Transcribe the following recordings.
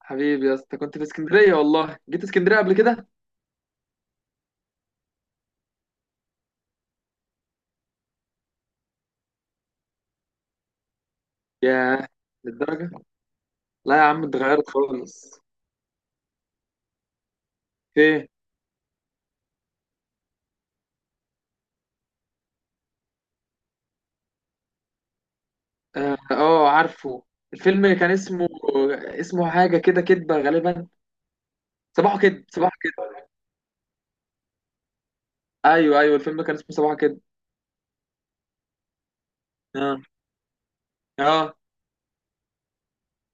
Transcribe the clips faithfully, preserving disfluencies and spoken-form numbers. حبيبي يا اسطى، كنت في اسكندرية، والله جيت اسكندرية قبل كده. ياه، للدرجة! لا يا عم، اتغيرت خالص. ايه؟ اه، آه، عارفه. الفيلم كان اسمه، اسمه حاجة كده، كدبة غالبا. صباحه كده صباحه كده ايوه ايوه، الفيلم كان اسمه صباحه كده. اه اه،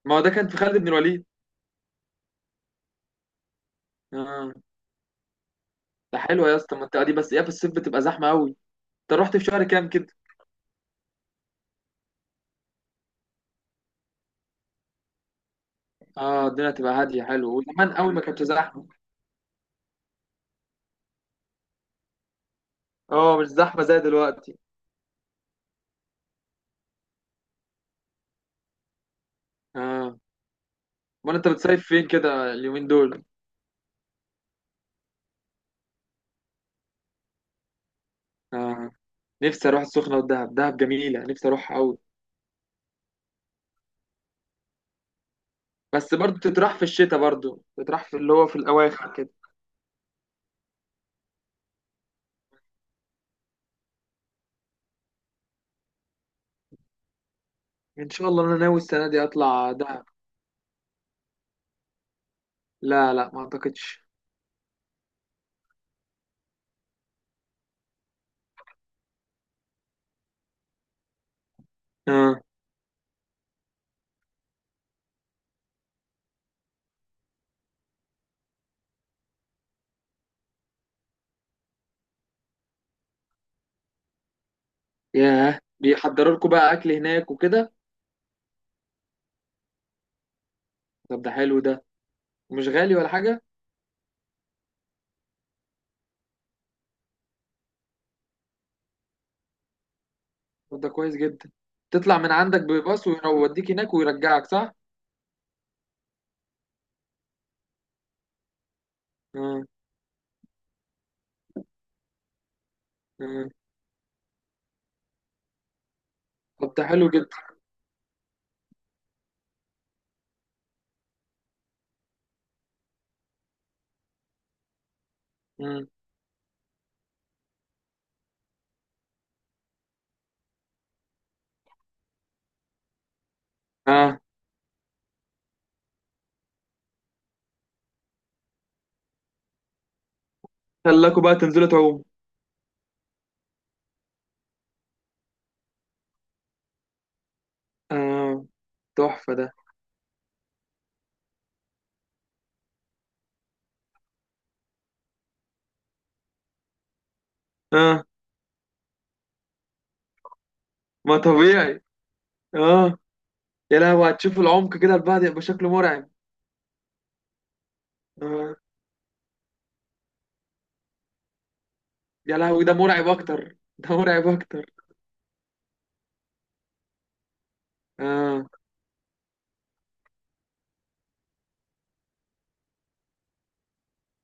ما هو ده كان في خالد بن الوليد. اه. ده حلوة يا اسطى المنطقة دي، بس ايه، في الصيف بتبقى زحمة قوي. انت رحت في شهر كام كده؟ اه، الدنيا تبقى هادية، حلو وزمان قوي ما كانتش زحمة. اه مش زحمة زي دلوقتي. اه. امال انت بتصيف فين كده اليومين دول؟ آه. نفسي اروح السخنه والدهب، دهب جميله، نفسي اروح قوي. بس برضو تتراح في الشتاء، برضو تتراح في اللي هو في الاواخر كده. ان شاء الله، انا ناوي السنه دي اطلع دهب. لا لا، ما اعتقدش. اه. ياه، بيحضروا لكم بقى اكل هناك وكده؟ طب ده حلو ده. مش غالي ولا حاجه؟ طب ده كويس جدا. تطلع من عندك بباص ويوديك هناك ويرجعك، صح؟ اه اه، طب ده حلو جدا. مم. اه. خلاكوا بقى تنزلوا تعوم؟ اه تحفه ده. اه، ما طبيعي. اه، يا لهوي، هتشوف العمق كده، البعد يبقى شكله مرعب. آه. يا لهوي، ده مرعب اكتر، ده مرعب اكتر. اه،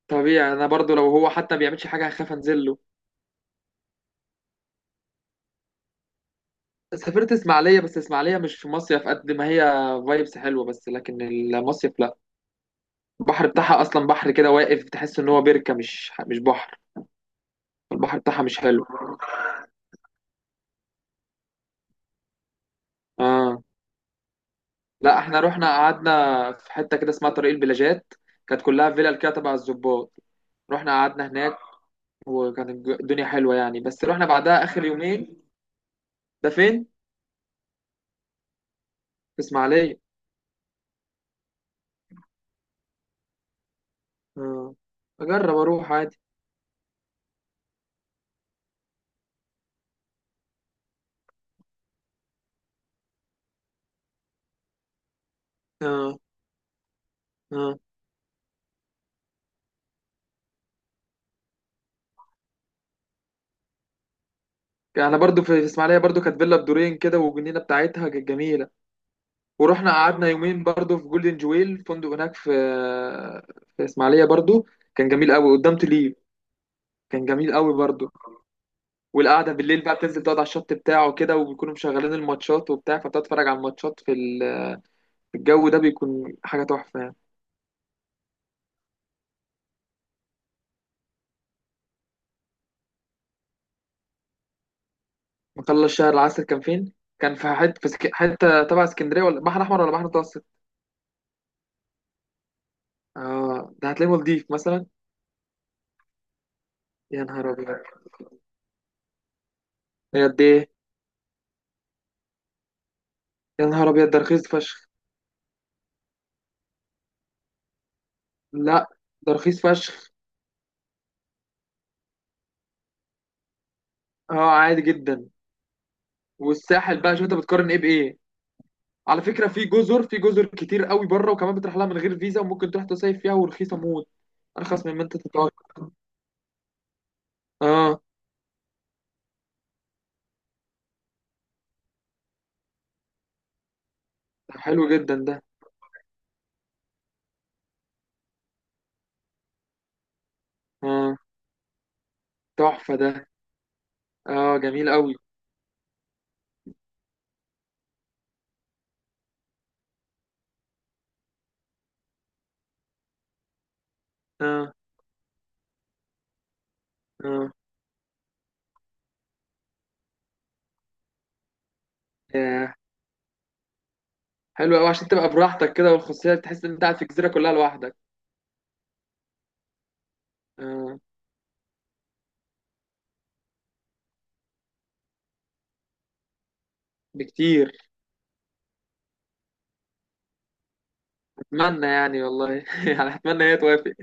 طبيعي، انا برضو لو هو حتى ما بيعملش حاجه هخاف انزل له. سافرت اسماعيليه، بس اسماعيليه مش في مصيف قد ما هي فايبس حلوه، بس لكن المصيف لا. البحر بتاعها اصلا بحر كده واقف، تحس ان هو بركه مش مش بحر. البحر بتاعها مش حلو. اه. لا، احنا رحنا قعدنا في حته كده اسمها طريق البلاجات، كانت كلها فيلا كده تبع الظباط. رحنا قعدنا هناك، وكانت الج- الدنيا حلوة يعني، بس رحنا بعدها آخر يومين. ده فين؟ في إسماعيلية. آه. أجرب أروح عادي. آه. آه. أنا برضو في في إسماعيلية برضو كانت فيلا بدورين كده، والجنينة بتاعتها كانت جميلة. ورحنا قعدنا يومين برضو في جولدن جويل، فندق هناك في في إسماعيلية برضو. كان جميل قوي قدام تليب. كان جميل قوي برضو. والقعدة بالليل بقى، بتنزل تقعد على الشط بتاعه كده، وبيكونوا مشغلين الماتشات وبتاع، فبتتفرج على الماتشات في ال- في الجو ده، بيكون حاجة تحفة يعني. مطلع الشهر العسل كان فين؟ كان في حتة في سك... حتة تبع اسكندرية، ولا بحر أحمر، ولا بحر متوسط؟ اه، ده هتلاقيه مالديف مثلا. يا نهار أبيض. هي قد إيه؟ يا نهار أبيض، ده رخيص فشخ. لا، ده رخيص فشخ. اه، عادي جدا. والساحل بقى، شوف أنت بتقارن إيه بإيه؟ على فكرة، في جزر في جزر كتير قوي بره، وكمان بتروح لها من غير فيزا، وممكن تروح تصيف فيها ورخيصة موت، أرخص مما أنت تتوقع. اه، ده حلو جدا ده. اه، تحفة ده. اه، جميل قوي. اه اه، حلو قوي عشان تبقى براحتك كده، والخصوصية تحس ان انت قاعد في الجزيرة كلها لوحدك. آه، بكتير. اتمنى يعني والله، يعني اتمنى هي توافق.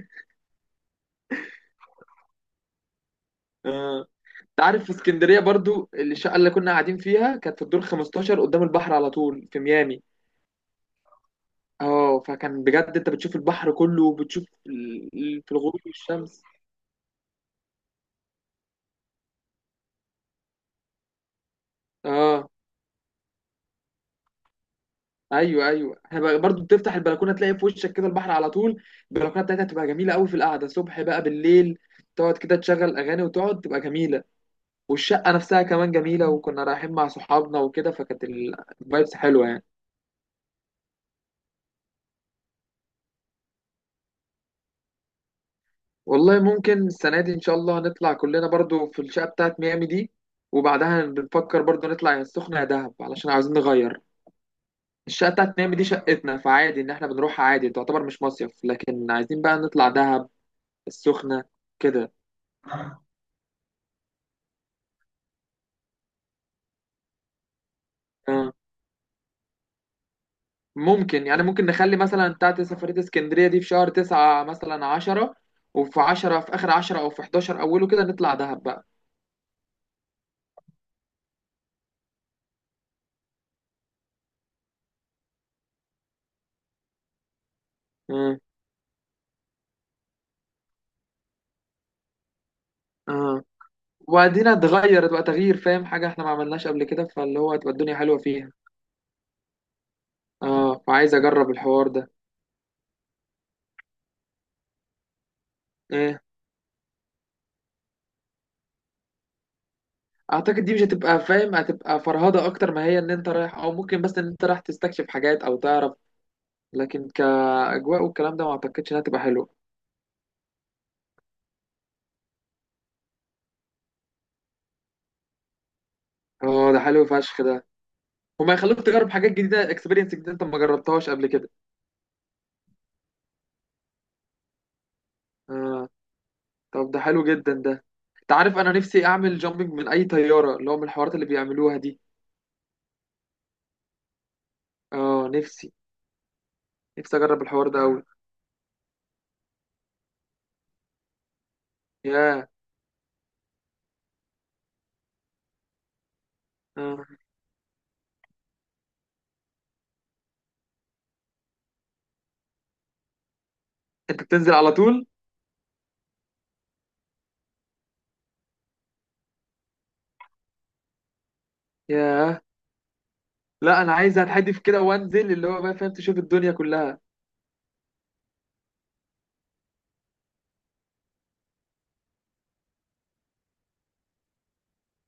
آه، انت عارف في اسكندرية برضو، الشقة اللي كنا قاعدين فيها كانت في الدور الخامس عشر، قدام البحر على طول في ميامي. اه، فكان بجد انت بتشوف البحر كله، وبتشوف ال- ال- في الغروب والشمس. اه. ايوه ايوه، احنا بقى- برضو بتفتح البلكونه تلاقي في وشك كده البحر على طول. البلكونه بتاعتها تبقى جميله قوي في القعده، صبح بقى بالليل، تقعد كده تشغل اغاني وتقعد، تبقى جميله. والشقة نفسها كمان جميلة، وكنا رايحين مع صحابنا وكده، فكانت الفايبس حلوة يعني. والله ممكن السنة دي إن شاء الله نطلع كلنا برضو في الشقة بتاعت ميامي دي، وبعدها بنفكر برضو نطلع يا السخنة يا دهب، علشان عاوزين نغير. الشقة بتاعت ميامي دي شقتنا، فعادي إن إحنا بنروحها، عادي، تعتبر مش مصيف، لكن عايزين بقى نطلع دهب، السخنة، كده. آه. ممكن يعني، ممكن نخلي مثلا بتاعت سفرية اسكندرية دي في شهر تسعة، مثلا عشرة. وفي عشرة، في آخر عشرة، أو في حداشر أوله كده نطلع دهب بقى. آه. اه، وبعدين اتغير، تبقى تغيير، فاهم، حاجة احنا ما عملناش قبل كده، فاللي هو هتبقى الدنيا حلوة فيها. اه، فعايز اجرب الحوار ده. ايه؟ اعتقد دي مش هتبقى، فاهم، هتبقى فرهدة اكتر، ما هي ان انت رايح، او ممكن بس ان انت رايح تستكشف حاجات او تعرف، لكن كاجواء والكلام ده ما اعتقدش انها تبقى حلوة. اه، ده حلو فشخ ده. هما يخلوك تجرب حاجات جديدة، اكسبيرينس جديدة انت ما جربتهاش قبل كده. اه، طب ده حلو جدا ده. انت عارف، انا نفسي اعمل جامبينج من اي طيارة، اللي هو من الحوارات اللي بيعملوها دي. اه. نفسي نفسي اجرب الحوار ده قوي. ياه. آه. انت بتنزل على طول؟ ياه. لا، انا عايز اتحدف كده وانزل، اللي هو بقى، فاهم، تشوف الدنيا كلها.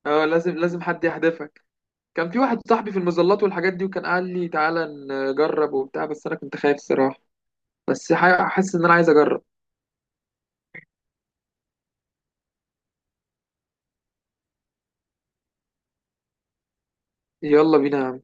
اه، لازم لازم حد يحدفك. كان في واحد صاحبي في المظلات والحاجات دي، وكان قال لي تعالى نجرب وبتاع، بس انا كنت خايف الصراحه، بس ح- حاسس ان انا عايز اجرب. يلا بينا.